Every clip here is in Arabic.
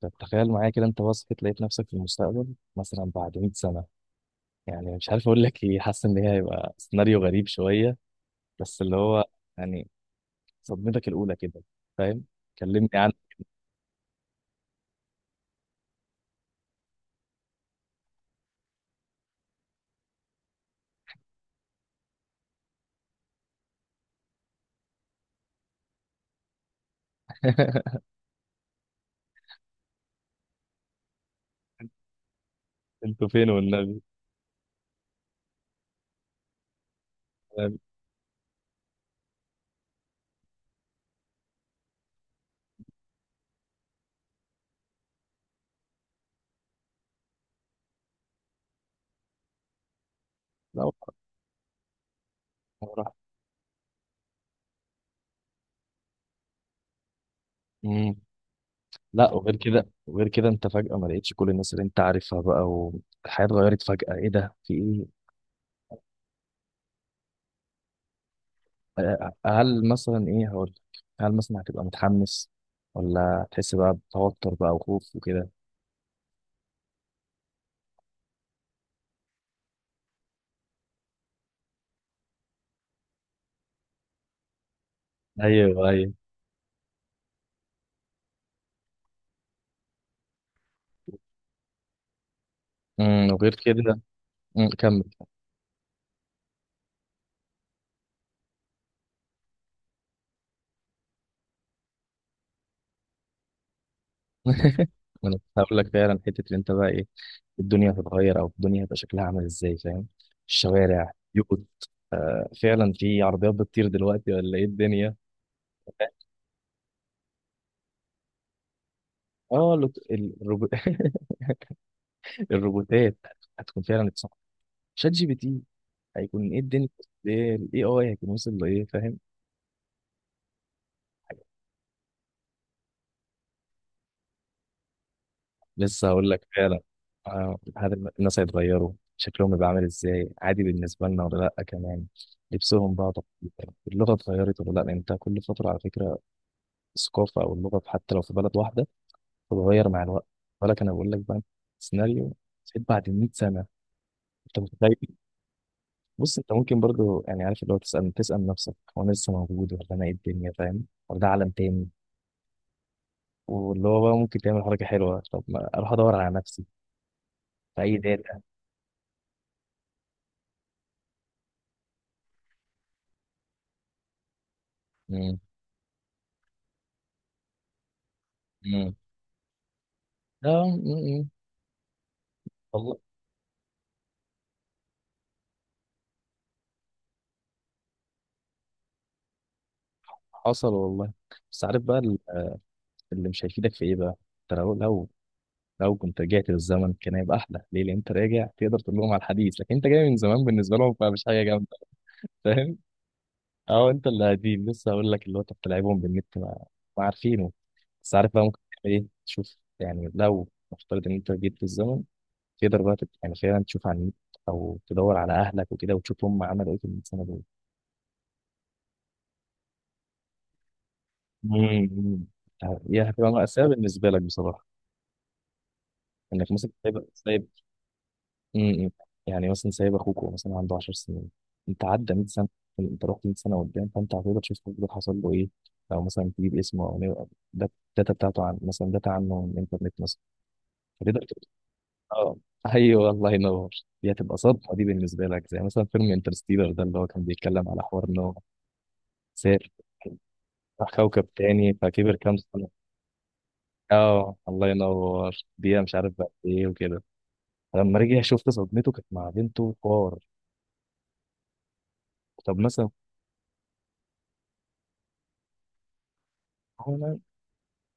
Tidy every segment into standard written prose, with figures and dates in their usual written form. طب تخيل معايا كده انت بصحت لقيت نفسك في المستقبل مثلا بعد 100 سنة. مش عارف اقول لك ايه، حاسس ان هي هيبقى سيناريو غريب شوية. بس اللي هو يعني صدمتك الأولى كده. فاهم؟ كلمني عن. انتوا فين والنبي؟ فاهم؟ لا. والله راح. مم. لا، وغير كده وغير كده انت فجأة ما لقيتش كل الناس اللي انت عارفها بقى، والحياة اتغيرت فجأة. ايه ده؟ في ايه؟ هل مثلا، ايه هقول لك، هل مثلا هتبقى متحمس؟ ولا تحس بقى بتوتر بقى وخوف وكده؟ ايوه ايوه. امم، وغير كده. امم، كمل. ما انا كنت هقول لك فعلا، حته اللي انت بقى ايه، الدنيا هتتغير؟ او الدنيا هتبقى شكلها عامل ازاي؟ فاهم؟ الشوارع يقط. آه، فعلا في عربيات بتطير دلوقتي؟ ولا ايه الدنيا؟ اه لو- ال- الروبو... الروبوتات هتكون فعلا اتصنعت. شات جي بي تي هيكون ايه الدنيا؟ ايه الاي اي هيكون وصل لايه؟ فاهم؟ لسه هقول لك فعلا. هل الناس هيتغيروا، شكلهم يبقى عامل ازاي عادي بالنسبه لنا ولا لا؟ كمان لبسهم بقى، طب اللغه اتغيرت ولا لا؟ لأن انت كل فتره على فكره، الثقافه او اللغه حتى لو في بلد واحده بتتغير مع الوقت. بالك انا بقول لك بقى سيناريو سيد بعد 100 سنه. انت متخيل؟ بص، انت ممكن برضو عارف، اللي هو تسال نفسك: هو انا لسه موجود؟ ولا انا ايه الدنيا؟ فاهم؟ ولا ده عالم تاني؟ واللي هو بقى ممكن تعمل حركه حلوه، طب ما اروح ادور على نفسي في اي داتا؟ مم. لا م- م. والله حصل والله. بس عارف بقى ال- اللي مش هيفيدك في ايه بقى. انت لو لو كنت رجعت للزمن كان هيبقى احلى، ليه؟ لان انت راجع تقدر تقول لهم على الحديث، لكن انت جاي من زمان بالنسبه لهم، فمش حاجه جامده. فاهم؟ اه، انت اللي قديم. لسه هقول لك اللي هو انت بتلعبهم بالنت، ما, ما عارفينه. بس عارف بقى ممكن تعمل ايه؟ تشوف يعني لو نفترض ان انت رجعت للزمن، يعني فعلا تشوف على النت، او تدور على اهلك وكده وتشوف هم عملوا ايه في السنه دول. امم. يعني هتبقى مأساة بالنسبة لك بصراحة، انك مثلا سايب م- م. يعني مثلا سايب اخوك وهو مثلا عنده 10 سنين، انت عدى 100 سنه، انت رحت 100 سنه قدام، فانت هتقدر تشوف أخوك ده حصل له ايه. لو مثلا تجيب اسمه ده- داتا بتاعته، عن مثلا داتا عنه من الانترنت مثلا، فتقدر تقول اه. ايوه، الله ينور. دي هتبقى صدمه، دي بالنسبه لك زي مثلا فيلم انترستيلر ده، اللي هو كان بيتكلم على حوار انه سافر راح كوكب تاني، فكبر كام سنه، اه الله ينور دقيقه مش عارف بقى ايه وكده. فلما رجع، شفت صدمته كانت مع بنته حوار. طب مثلا هو أنا-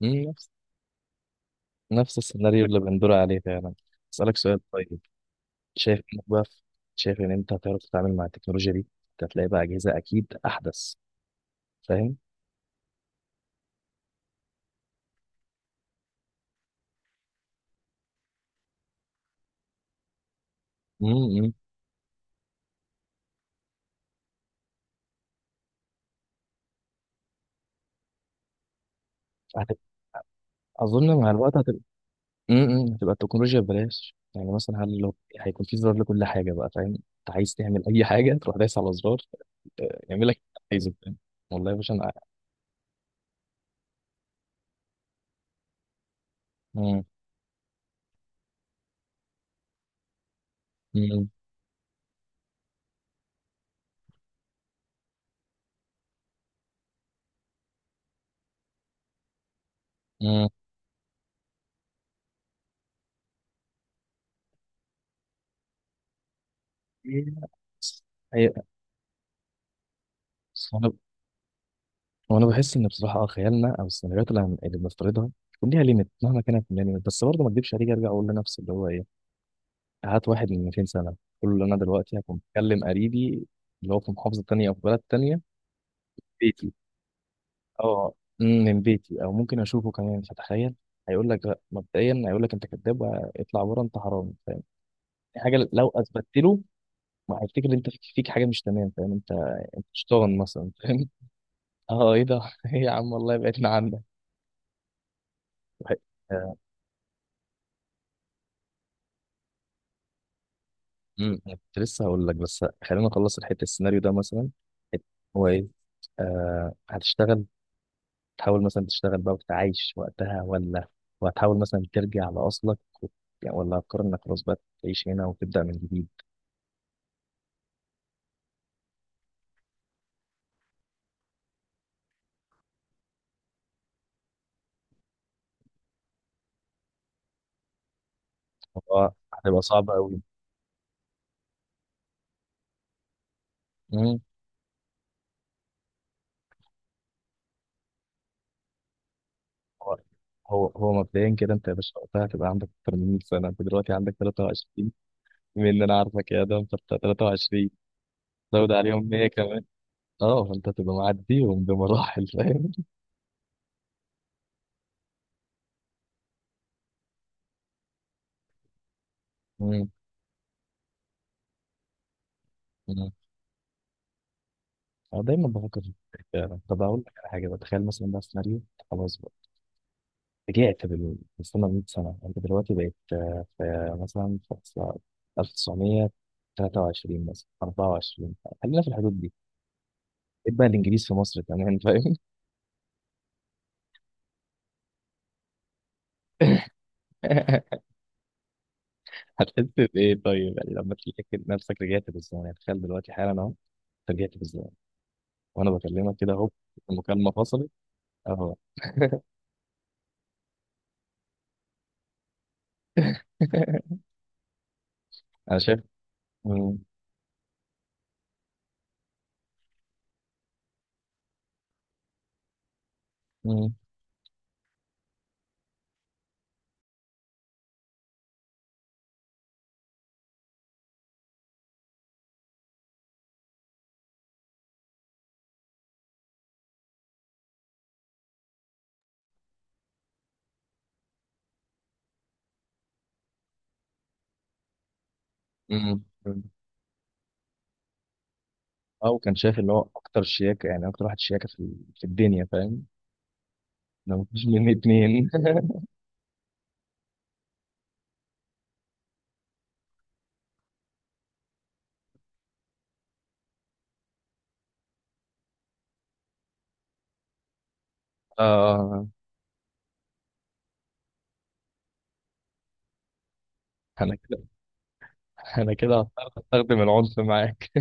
مم، نفس السيناريو اللي بندور عليه فعلا. أسألك سؤال طيب؟ شايف إنك بقى في- شايف إن أنت هتعرف تتعامل مع التكنولوجيا دي؟ أنت هتلاقي بقى أجهزة أكيد أحدث. فاهم؟ امم، هتبقى أظن مع الوقت هتبقى إمم. هتبقى التكنولوجيا ببلاش. يعني مثلا هل لو هيكون في زرار لكل حاجة بقى؟ فاهم؟ أنت عايز تعمل أي حاجة تروح دايس على زرار، يعمل لك اللي أنت عايزه. فاهم؟ والله يا باشا أنا مم، مم، مم. هي. وانا بحس ان بصراحه اه خيالنا او السيناريوهات اللي بنفترضها بيكون ليها ليميت مهما كانت من ليميت، بس برضه ما اكدبش عليك ارجع اقول لنفسي اللي هو ايه، هات واحد من 200 سنه قول له انا دلوقتي هكون بكلم قريبي اللي هو في محافظه تانية او في بلد تانية، بيتي، اه من بيتي، او ممكن اشوفه كمان. فتخيل هيقول لك لا، مبدئيا هيقول لك انت كذاب واطلع بره، انت حرامي. فاهم؟ دي حاجه لو اثبتت له، ما هيفتكر ان انت فيك حاجه مش تمام. فاهم انت؟ أنت شيطان مثلا. فاهم؟ اه ايه ده، ايه يا عم والله بعدنا عنك. امم، أنا كنت لسه هقول لك، بس خلينا نخلص الحته، السيناريو ده مثلا حتة- هو ايه، هتشتغل؟ تحاول مثلا تشتغل بقى وتتعايش وقتها، ولا وهتحاول مثلا ترجع لاصلك و- ولا هتقرر انك خلاص بقى تعيش هنا وتبدا من جديد؟ هو هتبقى صعبه قوي. امم، هو هو مبدئيا كده انت يا باشا وقتها هتبقى عندك اكتر من 100 سنه، انت دلوقتي عندك 23، بما ان انا عارفك يا ادم فانت 23، زود عليهم 100 كمان، اه فانت هتبقى معديهم بمراحل. فاهم؟ امم، انا دايما بفكر، يعني طب اقول لك على حاجه بقى، تخيل مثلا ده سيناريو، أنت خلاص بقى رجعت بالسنه 100 سنه، انت دلوقتي بقيت في مثلا في سنة 1923 مثلا 24، خلينا في الحدود دي، ايه بقى الانجليز في مصر كمان. فاهم؟ هتحس بايه طيب؟ يعني لما تلاقي نفسك رجعت بالزمن، يعني تخيل دلوقتي حالا اهو، أنت رجعت بالزمن وانا بكلمك كده اهو، المكالمه فصلت اهو. انا شايف. مم. مم. مم. اه، وكان شايف اللي هو اكتر شياكه، يعني اكتر واحد شياكه في ال- في الدنيا. فاهم؟ لو مفيش مني اتنين. آه، انا كده انا كده هضطر استخدم العنف معاك.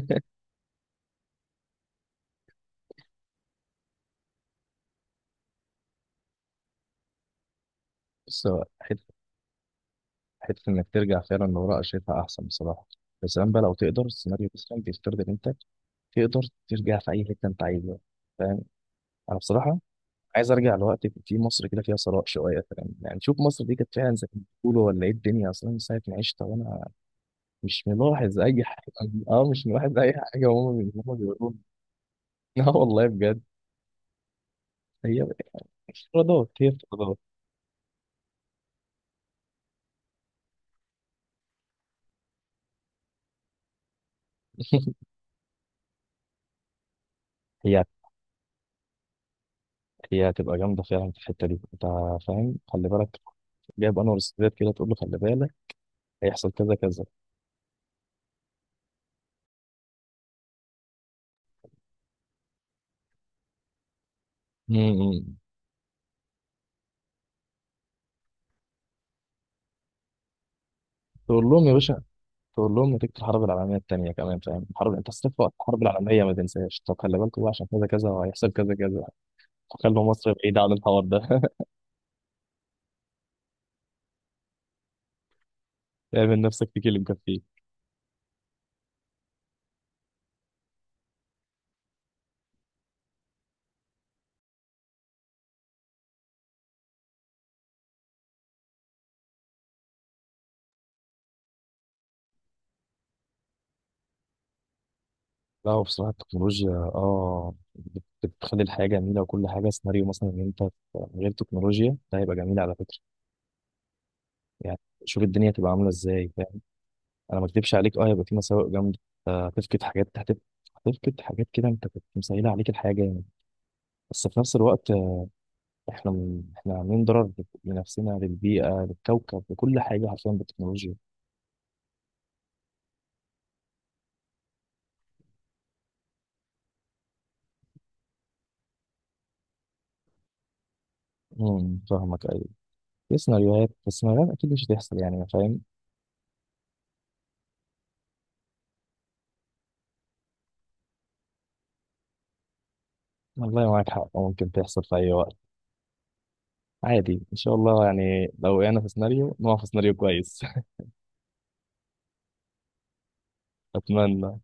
بس هو حته انك ترجع فعلا لورا شايفها احسن بصراحه، بس كمان بقى لو تقدر، السيناريو مثلا بيفترض ان انت تقدر ترجع في اي حته انت عايزها. فاهم؟ انا بصراحه عايز ارجع لوقت كان في مصر كده فيها ثراء شويه. فاهم؟ يعني شوف مصر دي كانت فعلا زي ما بيقولوا، ولا ايه الدنيا؟ اصلا من ساعه ما عشت وانا مش ملاحظ اي حاجه. اه مش ملاحظ اي حاجه، هما بيقولوها. اه والله بجد. هي افتراضات، افتراضات. هي هي هتبقى جامده فعلا في الحته دي انت. فاهم؟ خلي بالك، جايب انور السادات كده تقول له خلي بالك هيحصل كذا كذا. امم. تقول لهم يا باشا، تقول لهم نتيجه الحرب العالميه الثانيه كمان. فاهم الحرب؟ انت استفق الحرب العالميه ما تنساش، طب خلي بالكوا بقى عشان كذا كذا وهيحصل كذا كذا. خلوا مصر بعيده عن الحوار ده. اعمل نفسك تكلم كفيل. لا، هو بصراحة التكنولوجيا اه بتخلي الحياة جميلة وكل حاجة. سيناريو مثلا ان انت من غير تكنولوجيا ده هيبقى جميل على فكرة. يعني شوف الدنيا هتبقى عاملة ازاي. فاهم؟ انا ما اكدبش عليك اه هيبقى في مساوئ جامدة، هتفقد حاجات هتفقد حاجات كده انت كنت مسهلة عليك الحياة جامد. بس في نفس الوقت احنا من... احنا عاملين ضرر لنفسنا، للبيئة، للكوكب، لكل حاجة حرفيا بالتكنولوجيا. امم، فاهمك ايوه. في سيناريوهات، بس سيناريوهات اكيد مش هتحصل. يعني فاهم؟ والله معاك حق ممكن تحصل في اي وقت عادي. ان شاء الله يعني لو وقعنا في سيناريو نقع في سيناريو كويس. اتمنى.